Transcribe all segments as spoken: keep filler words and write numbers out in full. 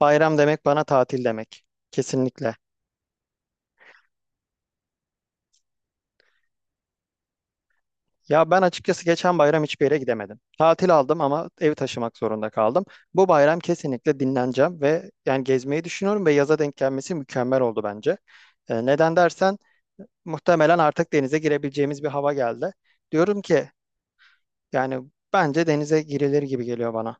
Bayram demek bana tatil demek. Kesinlikle. Ya ben açıkçası geçen bayram hiçbir yere gidemedim. Tatil aldım ama evi taşımak zorunda kaldım. Bu bayram kesinlikle dinleneceğim ve yani gezmeyi düşünüyorum ve yaza denk gelmesi mükemmel oldu bence. E, neden dersen muhtemelen artık denize girebileceğimiz bir hava geldi. Diyorum ki yani bence denize girilir gibi geliyor bana.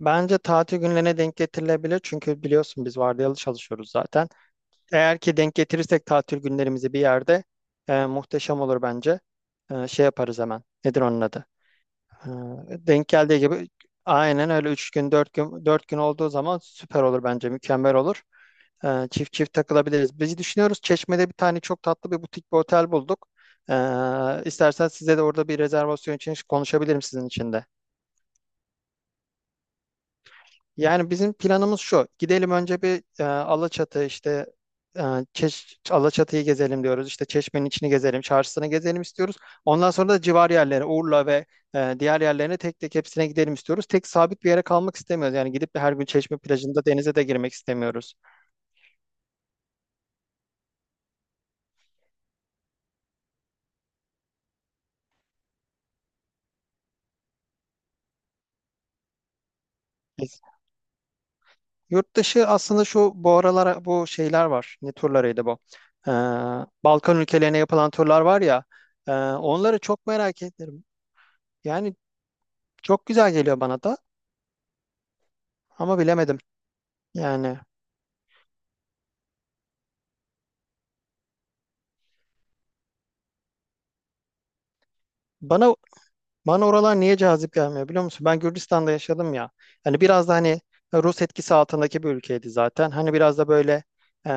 Bence tatil günlerine denk getirilebilir çünkü biliyorsun biz vardiyalı çalışıyoruz zaten. Eğer ki denk getirirsek tatil günlerimizi bir yerde e, muhteşem olur bence. E, şey yaparız hemen. Nedir onun adı? E, Denk geldiği gibi aynen öyle üç gün dört gün dört gün olduğu zaman süper olur bence. Mükemmel olur. E, çift çift takılabiliriz. Biz düşünüyoruz Çeşme'de bir tane çok tatlı bir butik bir otel bulduk. E, istersen size de orada bir rezervasyon için konuşabilirim sizin için de. Yani bizim planımız şu. Gidelim önce bir e, Alaçatı işte, e, Çeş, Alaçatı'yı gezelim diyoruz. İşte Çeşme'nin içini gezelim, çarşısını gezelim istiyoruz. Ondan sonra da civar yerlere, Urla ve e, diğer yerlerine tek tek hepsine gidelim istiyoruz. Tek sabit bir yere kalmak istemiyoruz. Yani gidip de her gün Çeşme plajında denize de girmek istemiyoruz. Yurt dışı aslında şu bu aralara bu şeyler var. Ne turlarıydı bu? Ee, Balkan ülkelerine yapılan turlar var ya. E, onları çok merak ederim. Yani çok güzel geliyor bana da ama bilemedim. Yani bana Bana oralar niye cazip gelmiyor biliyor musun? Ben Gürcistan'da yaşadım ya. Hani biraz da hani Rus etkisi altındaki bir ülkeydi zaten. Hani biraz da böyle e,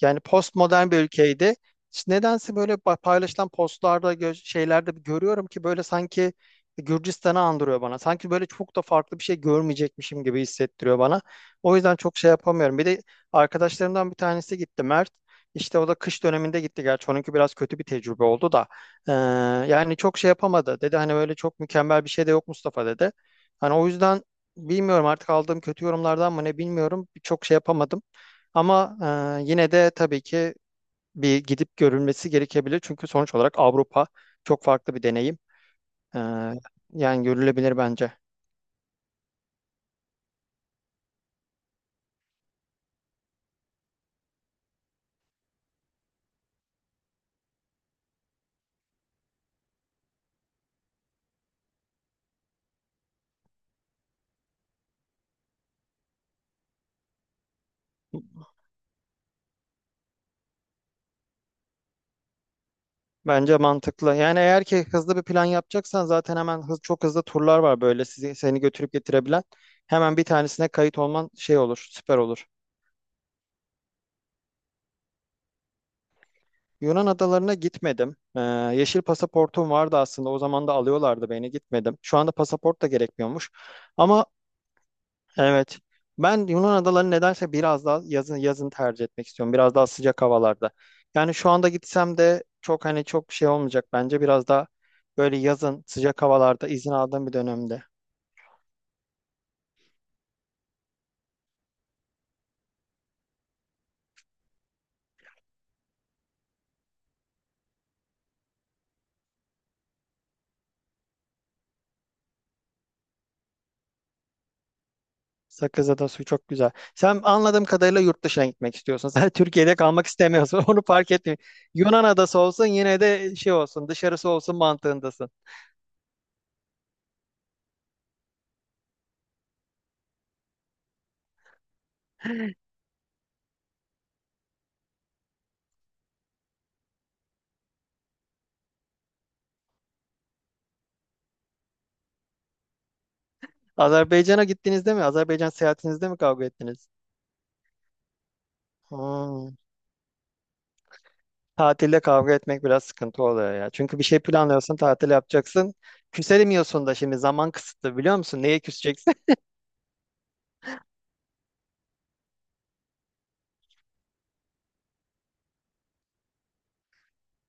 yani postmodern bir ülkeydi. İşte nedense böyle pa- paylaşılan postlarda gö- şeylerde bir görüyorum ki böyle sanki Gürcistan'ı andırıyor bana. Sanki böyle çok da farklı bir şey görmeyecekmişim gibi hissettiriyor bana. O yüzden çok şey yapamıyorum. Bir de arkadaşlarımdan bir tanesi gitti Mert. İşte o da kış döneminde gitti. Gerçi onunki biraz kötü bir tecrübe oldu da. Ee, Yani çok şey yapamadı dedi. Hani böyle çok mükemmel bir şey de yok Mustafa dedi. Hani o yüzden bilmiyorum artık aldığım kötü yorumlardan mı ne bilmiyorum. Çok şey yapamadım. Ama e, yine de tabii ki bir gidip görülmesi gerekebilir. Çünkü sonuç olarak Avrupa çok farklı bir deneyim. Ee, Yani görülebilir bence. Bence mantıklı. Yani eğer ki hızlı bir plan yapacaksan zaten hemen hız, çok hızlı turlar var böyle sizi, seni götürüp getirebilen. Hemen bir tanesine kayıt olman şey olur, süper olur. Yunan adalarına gitmedim. Ee, yeşil pasaportum vardı aslında. O zaman da alıyorlardı beni. Gitmedim. Şu anda pasaport da gerekmiyormuş. Ama evet. Ben Yunan adalarını nedense biraz daha yazın yazın tercih etmek istiyorum. Biraz daha sıcak havalarda. Yani şu anda gitsem de çok hani çok şey olmayacak bence. Biraz daha böyle yazın sıcak havalarda izin aldığım bir dönemde. Sakız Sakızada su çok güzel. Sen anladığım kadarıyla yurt dışına gitmek istiyorsun. Sen Türkiye'de kalmak istemiyorsun. Onu fark etmiyorum. Yunan adası olsun yine de şey olsun dışarısı olsun mantığındasın. Azerbaycan'a gittiğinizde mi? Azerbaycan seyahatinizde mi kavga ettiniz? Hmm. Tatilde kavga etmek biraz sıkıntı oluyor ya. Çünkü bir şey planlıyorsun, tatil yapacaksın. Küselemiyorsun da şimdi zaman kısıtlı biliyor musun? Neye küseceksin?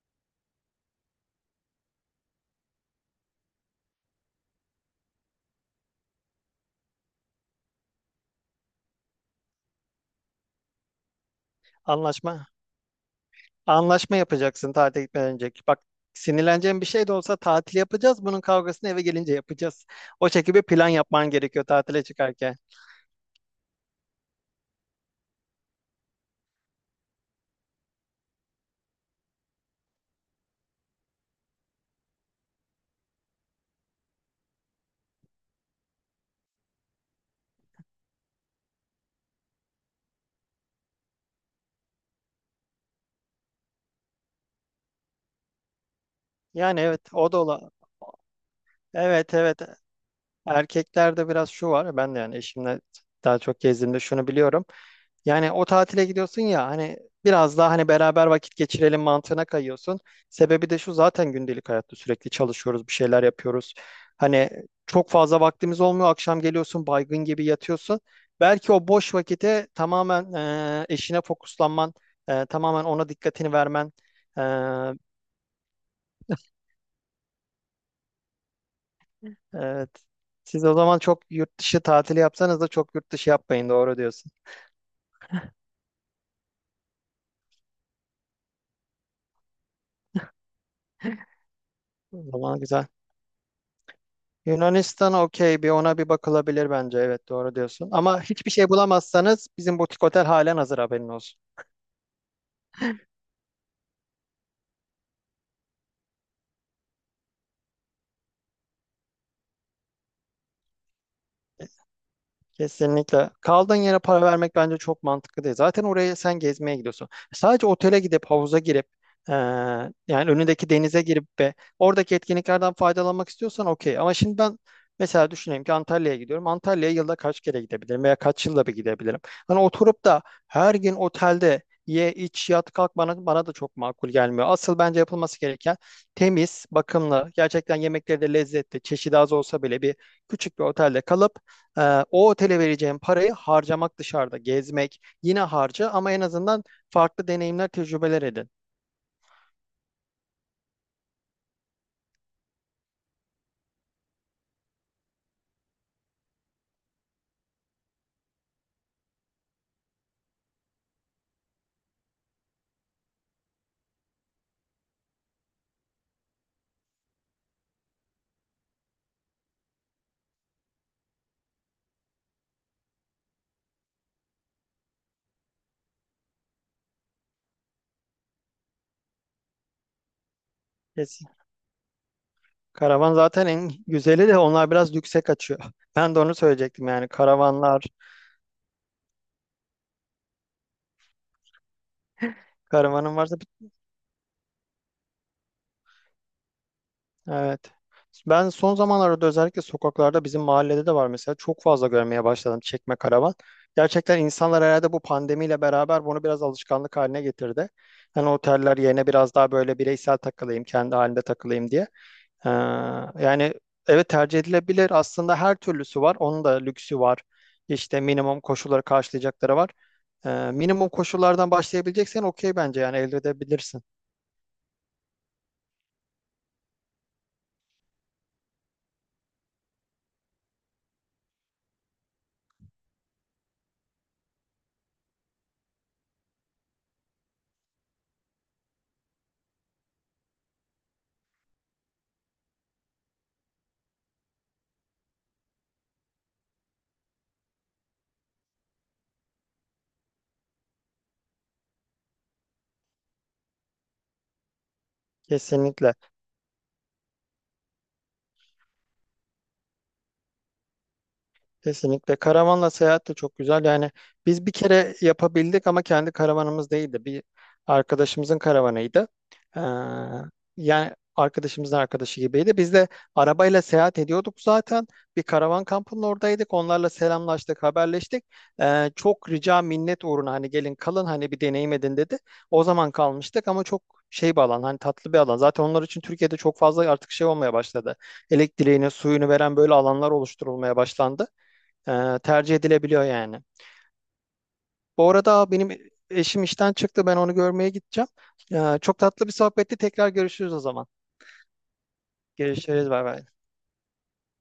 Anlaşma. Anlaşma yapacaksın tatile gitmeden önce. Bak sinirleneceğin bir şey de olsa tatil yapacağız. Bunun kavgasını eve gelince yapacağız. O şekilde bir plan yapman gerekiyor tatile çıkarken. Yani evet o da ola. Evet, evet. Erkeklerde biraz şu var. Ben de yani eşimle daha çok gezdiğimde şunu biliyorum. Yani o tatile gidiyorsun ya hani biraz daha hani beraber vakit geçirelim mantığına kayıyorsun. Sebebi de şu zaten gündelik hayatta sürekli çalışıyoruz, bir şeyler yapıyoruz. Hani çok fazla vaktimiz olmuyor. Akşam geliyorsun baygın gibi yatıyorsun. Belki o boş vakite tamamen e, eşine fokuslanman, e, tamamen ona dikkatini vermen. e, evet. Siz o zaman çok yurt dışı tatili yapsanız da çok yurt dışı yapmayın doğru diyorsun. O zaman güzel. Yunanistan okey bir ona bir bakılabilir bence. Evet doğru diyorsun. Ama hiçbir şey bulamazsanız bizim butik otel halen hazır haberin olsun. Kesinlikle. Kaldığın yere para vermek bence çok mantıklı değil. Zaten oraya sen gezmeye gidiyorsun. Sadece otele gidip havuza girip eee, yani önündeki denize girip ve oradaki etkinliklerden faydalanmak istiyorsan okey. Ama şimdi ben mesela düşüneyim ki Antalya'ya gidiyorum. Antalya'ya yılda kaç kere gidebilirim veya kaç yılda bir gidebilirim. Hani oturup da her gün otelde ye, iç, yat, kalk bana, bana da çok makul gelmiyor. Asıl bence yapılması gereken temiz, bakımlı, gerçekten yemekleri de lezzetli, çeşidi az olsa bile bir küçük bir otelde kalıp ee, o otele vereceğim parayı harcamak dışarıda, gezmek yine harca ama en azından farklı deneyimler, tecrübeler edin. Kesin. Karavan zaten en güzeli de onlar biraz lükse kaçıyor. Ben de onu söyleyecektim yani karavanlar, karavanın varsa. Evet. Ben son zamanlarda özellikle sokaklarda bizim mahallede de var mesela çok fazla görmeye başladım çekme karavan. Gerçekten insanlar herhalde bu pandemiyle beraber bunu biraz alışkanlık haline getirdi. Hani oteller yerine biraz daha böyle bireysel takılayım, kendi halinde takılayım diye. Ee, Yani evet tercih edilebilir. Aslında her türlüsü var. Onun da lüksü var. İşte minimum koşulları karşılayacakları var. Ee, minimum koşullardan başlayabileceksen okey bence yani elde edebilirsin. Kesinlikle. Kesinlikle. Karavanla seyahat de çok güzel. Yani biz bir kere yapabildik ama kendi karavanımız değildi. Bir arkadaşımızın karavanıydı. Ee, Yani arkadaşımızın arkadaşı gibiydi. Biz de arabayla seyahat ediyorduk zaten. Bir karavan kampının oradaydık. Onlarla selamlaştık, haberleştik. Ee, çok rica minnet uğruna hani gelin kalın hani bir deneyim edin dedi. O zaman kalmıştık ama çok şey bir alan hani tatlı bir alan. Zaten onlar için Türkiye'de çok fazla artık şey olmaya başladı. Elektriğini, suyunu veren böyle alanlar oluşturulmaya başlandı. Ee, tercih edilebiliyor yani. Bu arada benim eşim işten çıktı. Ben onu görmeye gideceğim. Ee, çok tatlı bir sohbetti. Tekrar görüşürüz o zaman. Görüşürüz. Bay bay.